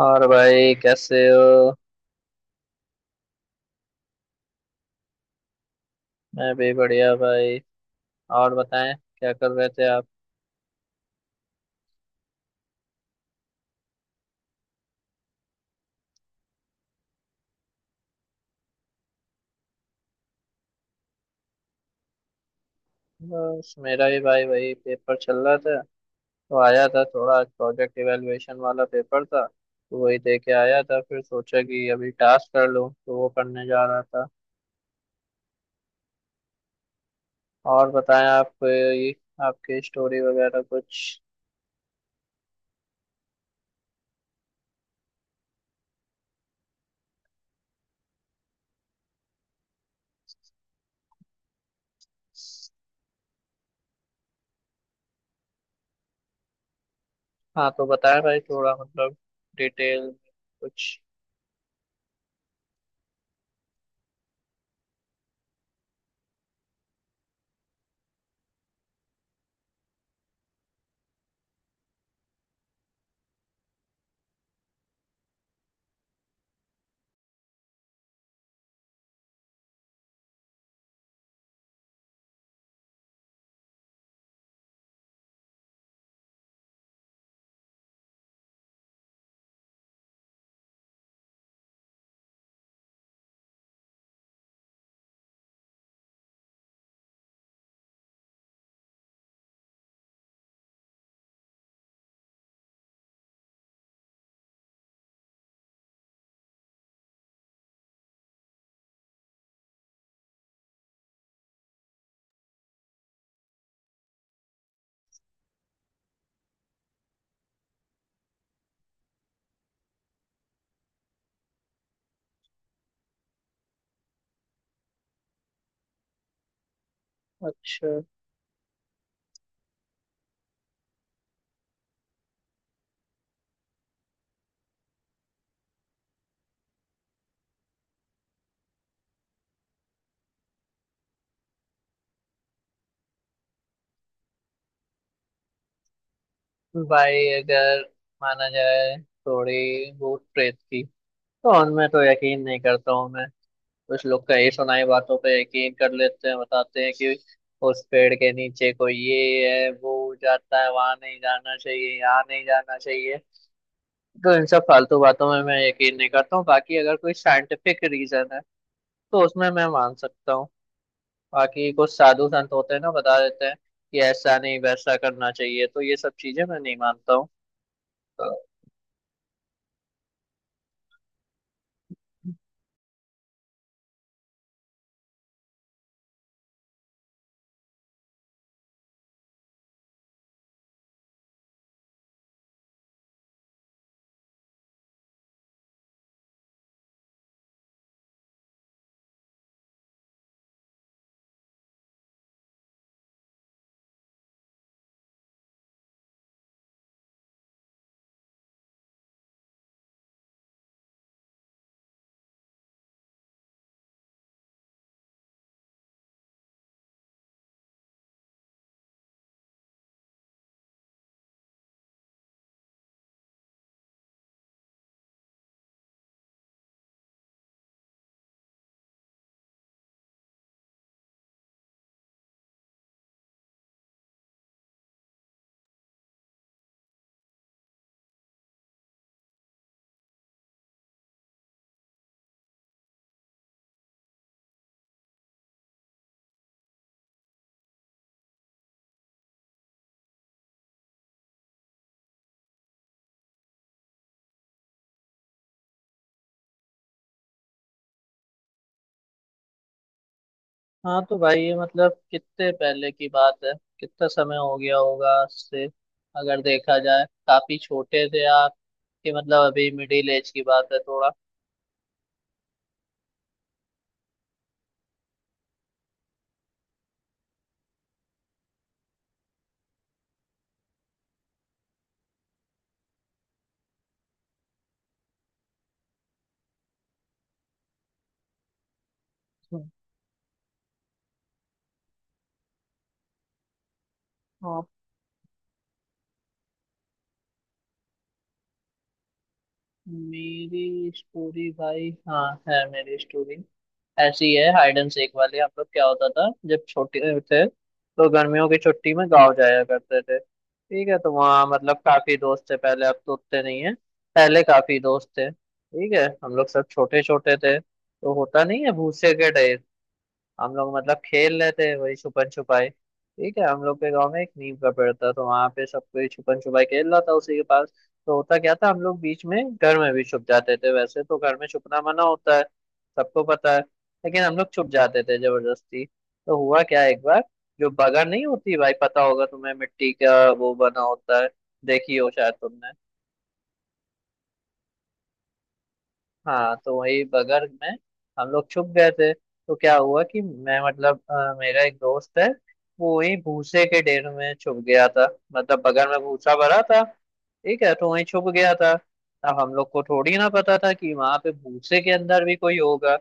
और भाई कैसे हो। मैं भी बढ़िया भाई। और बताएं क्या कर रहे थे आप। बस मेरा भी भाई वही पेपर चल रहा था। तो आया था, थोड़ा आज प्रोजेक्ट इवेलुएशन वाला पेपर था तो वही दे के आया था। फिर सोचा कि अभी टास्क कर लूँ तो वो करने जा रहा था। और बताएं आप ये आपकी स्टोरी वगैरह कुछ। हाँ, तो बताएं भाई, थोड़ा मतलब डिटेल में कुछ। अच्छा भाई, अगर माना जाए थोड़ी भूत प्रेत की, तो उनमें तो यकीन नहीं करता हूँ मैं। कुछ लोग कही सुनाई बातों पे यकीन कर लेते हैं, बताते हैं कि उस पेड़ के नीचे कोई ये है, वो जाता है, वहां नहीं जाना चाहिए, यहाँ नहीं जाना चाहिए। तो इन सब फालतू बातों में मैं यकीन नहीं करता हूँ। बाकी अगर कोई साइंटिफिक रीजन है तो उसमें मैं मान सकता हूँ। बाकी कुछ साधु संत होते हैं ना, बता देते हैं कि ऐसा नहीं वैसा करना चाहिए, तो ये सब चीजें मैं नहीं मानता हूँ तो। हाँ, तो भाई ये मतलब कितने पहले की बात है, कितना समय हो गया होगा उससे। अगर देखा जाए काफी छोटे थे आप, कि मतलब अभी मिडिल एज की बात है थोड़ा। हाँ, मेरी स्टोरी भाई, हाँ है मेरी स्टोरी। ऐसी है हाइड एंड सीक वाली। हम लोग क्या होता था, जब छोटे थे तो गर्मियों की छुट्टी में गाँव जाया करते थे, ठीक है। तो वहाँ मतलब काफी दोस्त थे पहले, अब तो उतने नहीं है। पहले काफी दोस्त थे, ठीक है। हम लोग सब छोटे छोटे थे तो होता नहीं है भूसे के डे, हम लोग मतलब खेल लेते हैं वही छुपन छुपाई, ठीक है। हम लोग के गांव में एक नीम का पेड़ था, तो वहां पे सब कोई छुपन छुपाई खेल रहा था उसी के पास। तो होता क्या था, हम लोग बीच में घर में भी छुप जाते थे। वैसे तो घर में छुपना मना होता है, सबको पता है, लेकिन हम लोग छुप जाते थे जबरदस्ती। तो हुआ क्या एक बार, जो बगर नहीं होती भाई, पता होगा तुम्हें, मिट्टी का वो बना होता है, देखी हो शायद तुमने। हाँ, तो वही बगर में हम लोग छुप गए थे। तो क्या हुआ कि मैं मतलब मेरा एक दोस्त है, वो वही भूसे के ढेर में छुप गया था। मतलब बगर में भूसा भरा था, ठीक है, तो वहीं छुप गया था। अब हम लोग को थोड़ी ना पता था कि वहां पे भूसे के अंदर भी कोई होगा,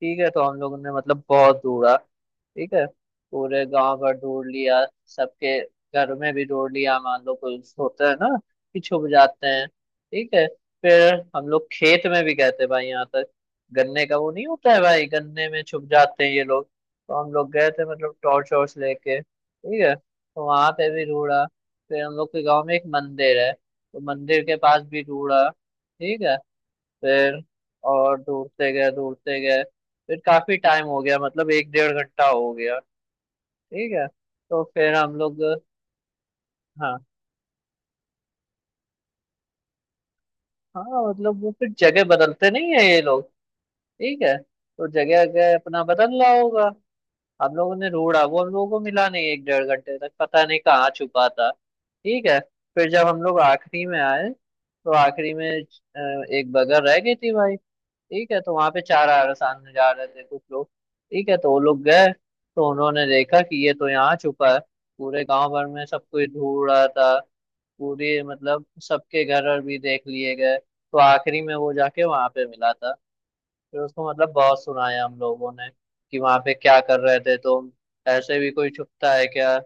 ठीक है। तो हम लोगों ने मतलब बहुत ढूंढा, ठीक है। पूरे गांव भर ढूंढ लिया, सबके घर में भी ढूंढ लिया, मान लो कोई होता है ना कि छुप जाते हैं, ठीक है। फिर हम लोग खेत में भी गए थे भाई, यहाँ तक गन्ने का वो नहीं होता है भाई, गन्ने में छुप जाते हैं ये लोग, तो हम लोग गए थे मतलब टॉर्च वॉर्च लेके, ठीक है, तो वहां पे भी ढूंढा। फिर हम लोग के गाँव में एक मंदिर है, तो मंदिर के पास भी ढूंढा, ठीक है। फिर और ढूंढते गए ढूंढते गए, फिर काफी टाइम हो गया, मतलब एक डेढ़ घंटा हो गया, ठीक है। तो फिर हम लोग, हाँ, हाँ, मतलब वो फिर जगह बदलते नहीं है ये लोग, ठीक है। तो जगह जगह अपना बदल रहा होगा। हम लोगों ने ढूंढा, वो हम लोगों को मिला नहीं एक डेढ़ घंटे तक, पता नहीं कहाँ छुपा था, ठीक है। फिर जब हम लोग आखिरी में आए, तो आखिरी में एक बगर रह गई थी भाई, ठीक है। तो वहां पे चार अरसान जा रहे थे कुछ लोग, ठीक है, तो वो लोग गए, तो उन्होंने देखा कि ये तो यहाँ छुपा है। पूरे गांव भर में सब कोई ढूंढ रहा था, पूरी मतलब सबके घर और भी देख लिए गए, तो आखिरी में वो जाके वहां पे मिला था। फिर उसको मतलब बहुत सुनाया हम लोगों ने कि वहां पे क्या कर रहे थे तुम, ऐसे भी कोई छुपता है क्या।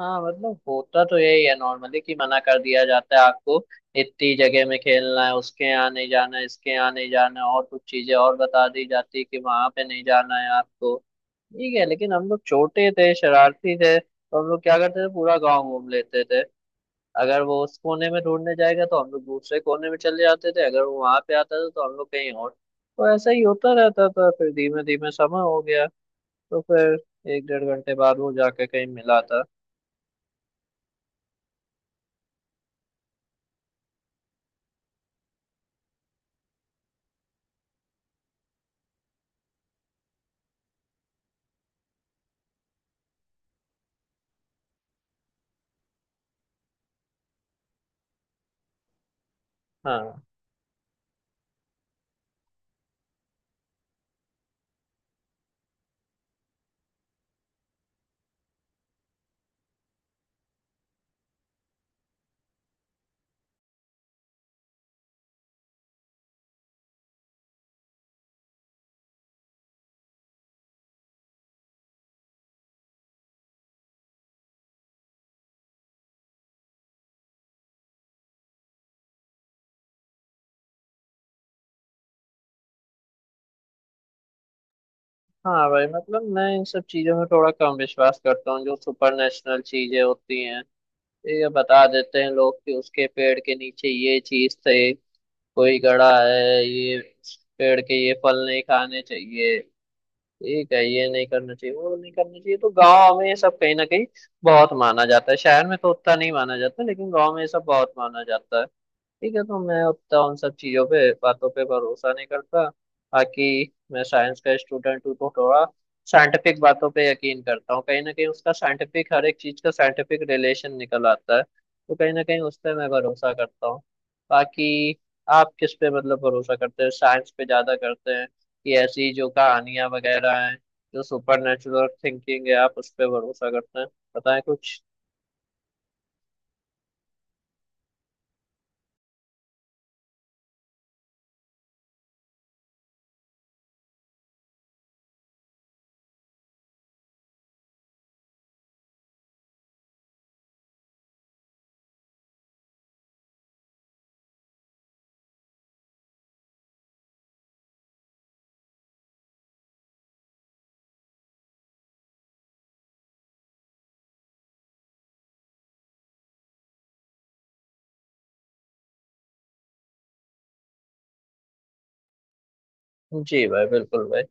हाँ, मतलब होता तो यही है नॉर्मली, कि मना कर दिया जाता है आपको इतनी जगह में खेलना है, उसके यहाँ नहीं जाना है, इसके यहाँ नहीं जाना है, और कुछ चीजें और बता दी जाती है कि वहां पे नहीं जाना है आपको, ठीक है। लेकिन हम लोग छोटे थे, शरारती थे, तो हम लोग क्या करते थे पूरा गांव घूम लेते थे। अगर वो उस कोने में ढूंढने जाएगा तो हम लोग दूसरे कोने में चले जाते थे, अगर वो वहां पे आता था तो हम लोग कहीं और। तो ऐसा ही होता रहता था, फिर धीमे धीमे समय हो गया, तो फिर एक डेढ़ घंटे बाद वो जाके कहीं मिला था। हाँ, हाँ भाई, मतलब मैं इन सब चीजों में थोड़ा कम विश्वास करता हूँ, जो सुपर नेशनल चीजें होती हैं। तो ये बता देते हैं लोग कि उसके पेड़ के नीचे ये चीज थे, कोई गड़ा है, ये पेड़ के ये फल नहीं खाने चाहिए, ठीक है, ये नहीं करना चाहिए, वो नहीं करना चाहिए। तो गांव में ये सब कहीं ना कहीं बहुत माना जाता है, शहर में तो उतना नहीं माना जाता, लेकिन गांव में ये सब बहुत माना जाता है, ठीक है। तो मैं उतना उन सब चीज़ों पे बातों पे भरोसा नहीं करता। बाकी मैं साइंस का स्टूडेंट हूँ तो थोड़ा साइंटिफिक बातों पे यकीन करता हूँ, कहीं ना कहीं उसका साइंटिफिक, हर एक चीज़ का साइंटिफिक रिलेशन निकल आता है, तो कहीं ना कहीं उस पर मैं भरोसा करता हूँ। बाकी आप किस पे मतलब भरोसा करते हैं, साइंस पे ज़्यादा करते हैं कि ऐसी जो कहानियाँ वगैरह हैं, जो सुपर नेचुरल थिंकिंग है आप उस पर भरोसा करते हैं, बताएं कुछ। जी भाई, बिल्कुल भाई।